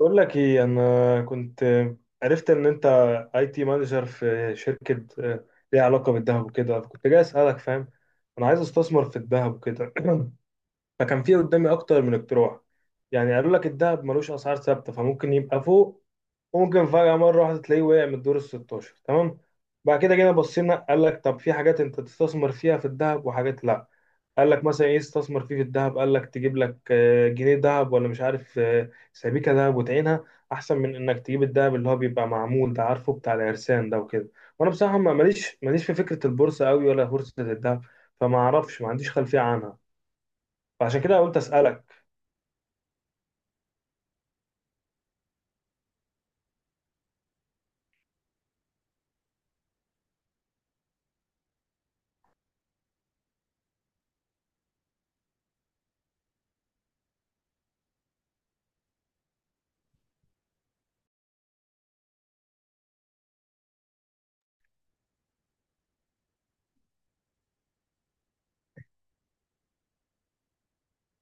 بقول لك ايه؟ انا كنت عرفت ان انت اي تي مانجر في شركه، ليها علاقه بالذهب وكده، كنت جاي اسالك، فاهم؟ انا عايز استثمر في الذهب وكده. فكان في قدامي اكتر من اقتراح، يعني قالوا لك الذهب ملوش اسعار ثابته، فممكن يبقى فوق وممكن فجأة مرة واحدة تلاقيه وقع من الدور ال 16، تمام. بعد كده جينا بصينا، قال لك طب في حاجات انت تستثمر فيها في الذهب وحاجات لا. قال لك مثلا ايه استثمر فيه في الذهب؟ قال لك تجيب لك جنيه ذهب، ولا مش عارف سبيكة ذهب وتعينها، احسن من انك تجيب الذهب اللي هو بيبقى معمول ده، عارفه بتاع العرسان ده وكده. وانا بصراحة ماليش في فكرة البورصة قوي ولا بورصة الذهب، فما اعرفش، ما عنديش خلفية عنها، فعشان كده قلت اسألك.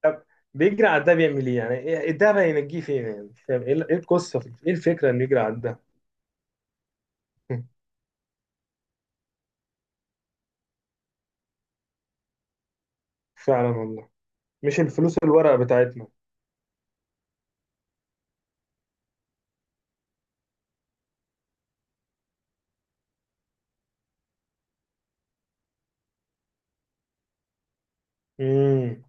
طب بيجري على ده بيعمل ايه يعني؟ ده بقى ينجيه فين يعني؟ مش فاهم ايه إيه القصه، ايه الفكره انه يجري على ده. فعلا والله. مش الفلوس الورق بتاعتنا. امم.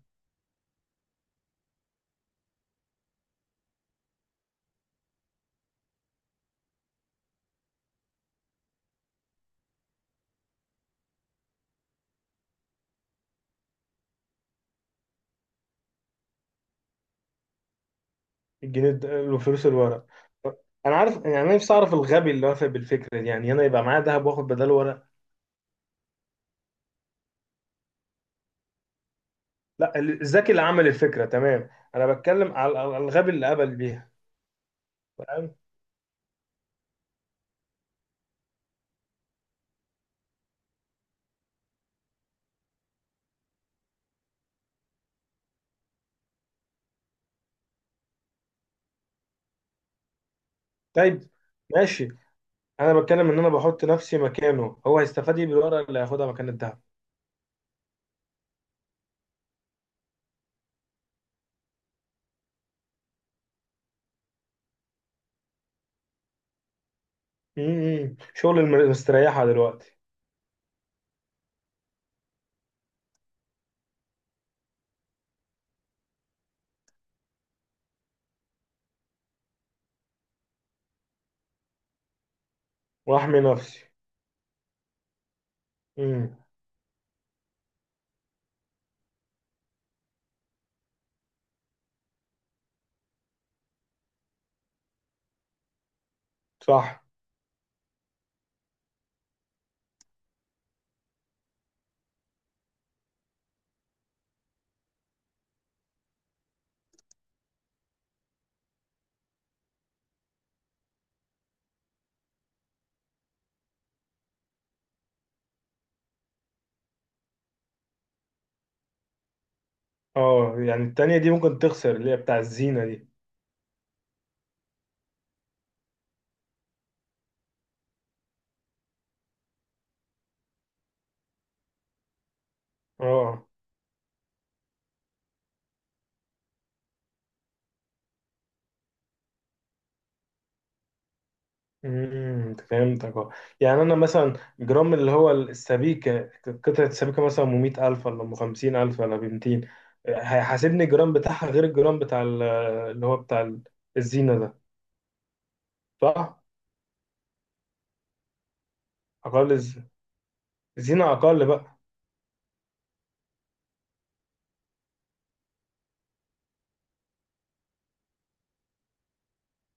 الفلوس الورق. طب انا عارف، يعني انا نفسي اعرف الغبي اللي وافق بالفكره دي، يعني انا يبقى معايا ذهب واخد بداله ورق؟ لا الذكي اللي عمل الفكره تمام، انا بتكلم على الغبي اللي قبل بيها، فاهم؟ طيب ماشي. انا بتكلم ان انا بحط نفسي مكانه، هو هيستفاد ايه بالورق اللي هياخدها مكان الذهب؟ شغل المستريحه دلوقتي. واحمي نفسي. امم، صح. اه، يعني التانية دي ممكن تخسر، اللي هي بتاع الزينة دي. اه. فهمتك. اه يعني انا مثلا جرام، اللي هو السبيكة، قطعة السبيكة، مثلا ام 100,000 ولا ام 50,000 ولا ب 200، هيحاسبني الجرام بتاعها غير الجرام بتاع اللي هو بتاع الزينة ده، صح؟ اقل الزينة اقل بقى.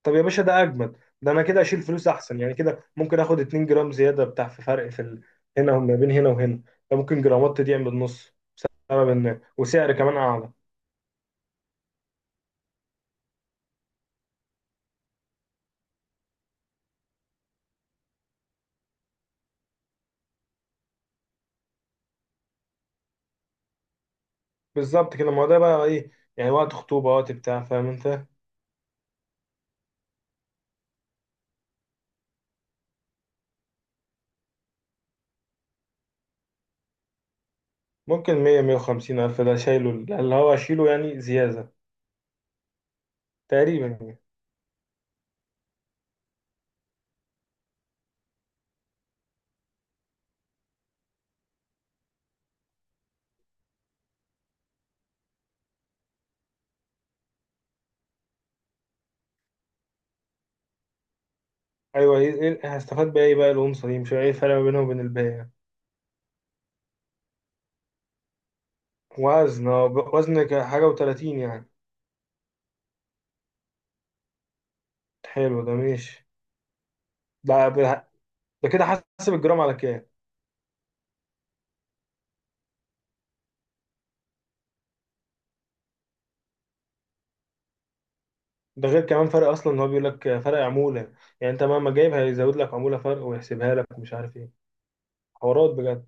طب يا باشا ده اجمد، ده انا كده اشيل فلوس احسن، يعني كده ممكن اخد 2 جرام زياده، بتاع في فرق في هنا وما بين هنا وهنا، ده ممكن جرامات تضيع بالنص، سبب ان وسعر كمان اعلى. بالظبط كده، ما هو ده بقى ايه، يعني وقت خطوبه وقت بتاع، فاهم انت؟ ممكن 100، 150 الف، ده شايله اللي هو اشيله يعني زياده، تقريبا يعني. ايوه، إيه، هستفاد بايه بقى الانثى دي؟ مش عارف ايه الفرق ما بينها وبين الباقي يعني. وزن، وزن، حاجه و30 يعني. حلو، ده ماشي. ده ده كده حسب الجرام على كام؟ ده غير كمان فرق اصلا ان هو بيقول لك فرق عموله، يعني انت مهما جايب هيزود لك عموله فرق ويحسبها لك، مش عارف ايه، حوارات بجد.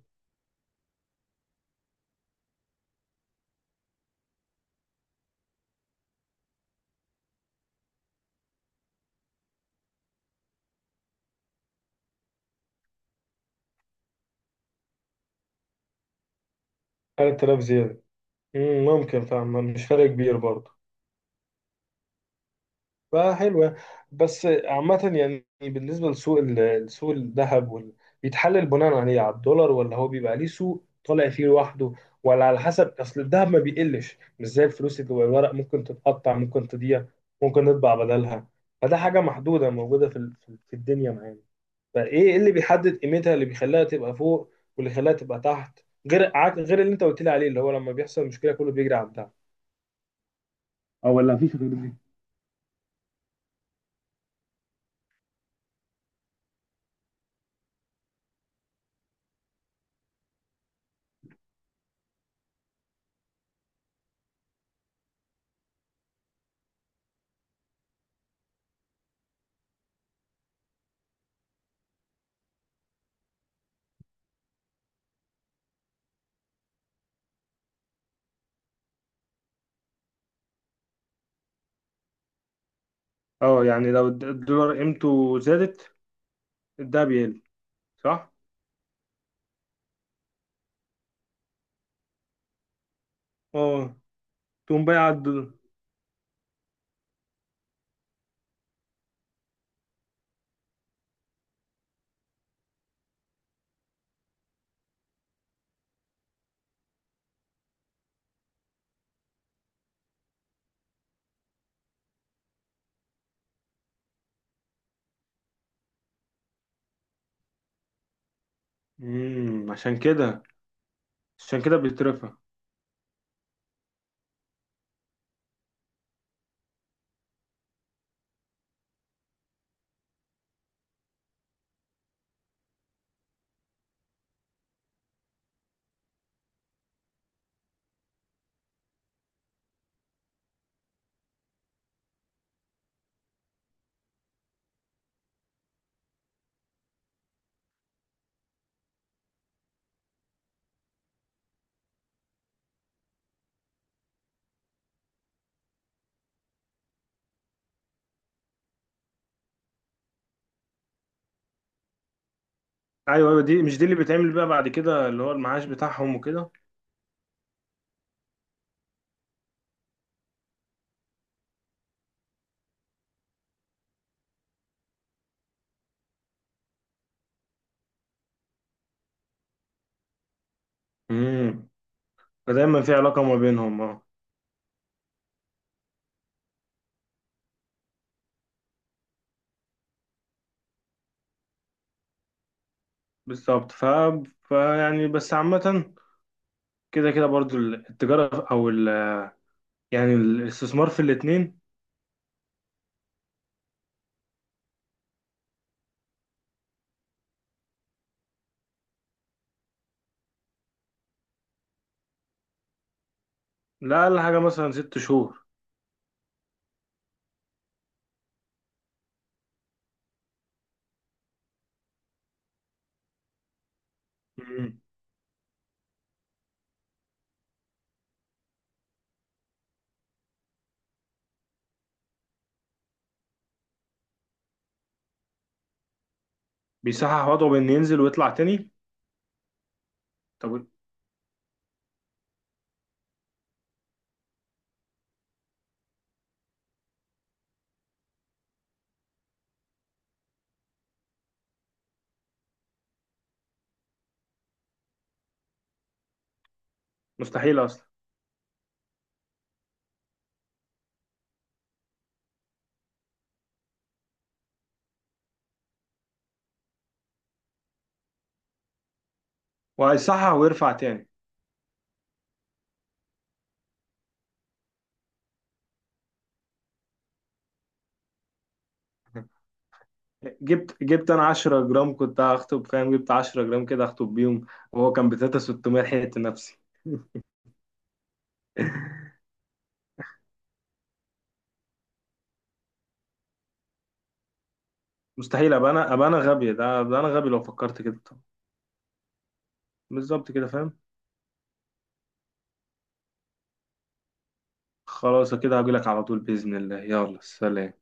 3,000 زياده. ممكن، فاهم؟ مش فرق كبير برضه، فحلوه. بس عامه يعني، بالنسبه لسوق سوق الذهب، بيتحلل بناء عليه على الدولار، ولا هو بيبقى ليه سوق طالع فيه لوحده، ولا على حسب اصل الذهب ما بيقلش، مش زي الفلوس اللي جوه الورق، ممكن تتقطع ممكن تضيع ممكن نطبع بدلها، فده حاجه محدوده موجوده في في الدنيا معانا. فايه اللي بيحدد قيمتها، اللي بيخليها تبقى فوق واللي يخليها تبقى تحت، غير غير اللي انت قلت لي عليه، اللي هو لما بيحصل مشكله كله بيجري على الدهب. اه، ولا مفيش غير دي؟ اه، يعني لو الدولار قيمته زادت، الدهب يقل، صح. اه، تقوم بايع الدولار. امم عشان كده عشان كده بيترفع. ايوه، ايوه، دي مش دي اللي بيتعمل بقى بعد كده، اللي هو المعاش بتاعهم وكده. امم فدايما في علاقة ما بينهم. اه، بالظبط. فيعني بس عامة، كده كده برضو التجارة أو ال، يعني الاستثمار في الاتنين. لا أقل حاجة مثلا ست شهور. مم. بيصحح وضعه بإن ينزل ويطلع تاني. طب مستحيل أصلا. وهيصحح ويرفع تاني. جبت أنا 10 جرام، كنت هخطب، فاهم؟ جبت 10 جرام كده هخطب بيهم، وهو كان ب 3,600، لحقت نفسي. مستحيل أبقى أنا غبي، ده أبقى أنا غبي لو فكرت كده. طب بالظبط كده، فاهم؟ خلاص، كده هجيلك على طول بإذن الله، يلا سلام.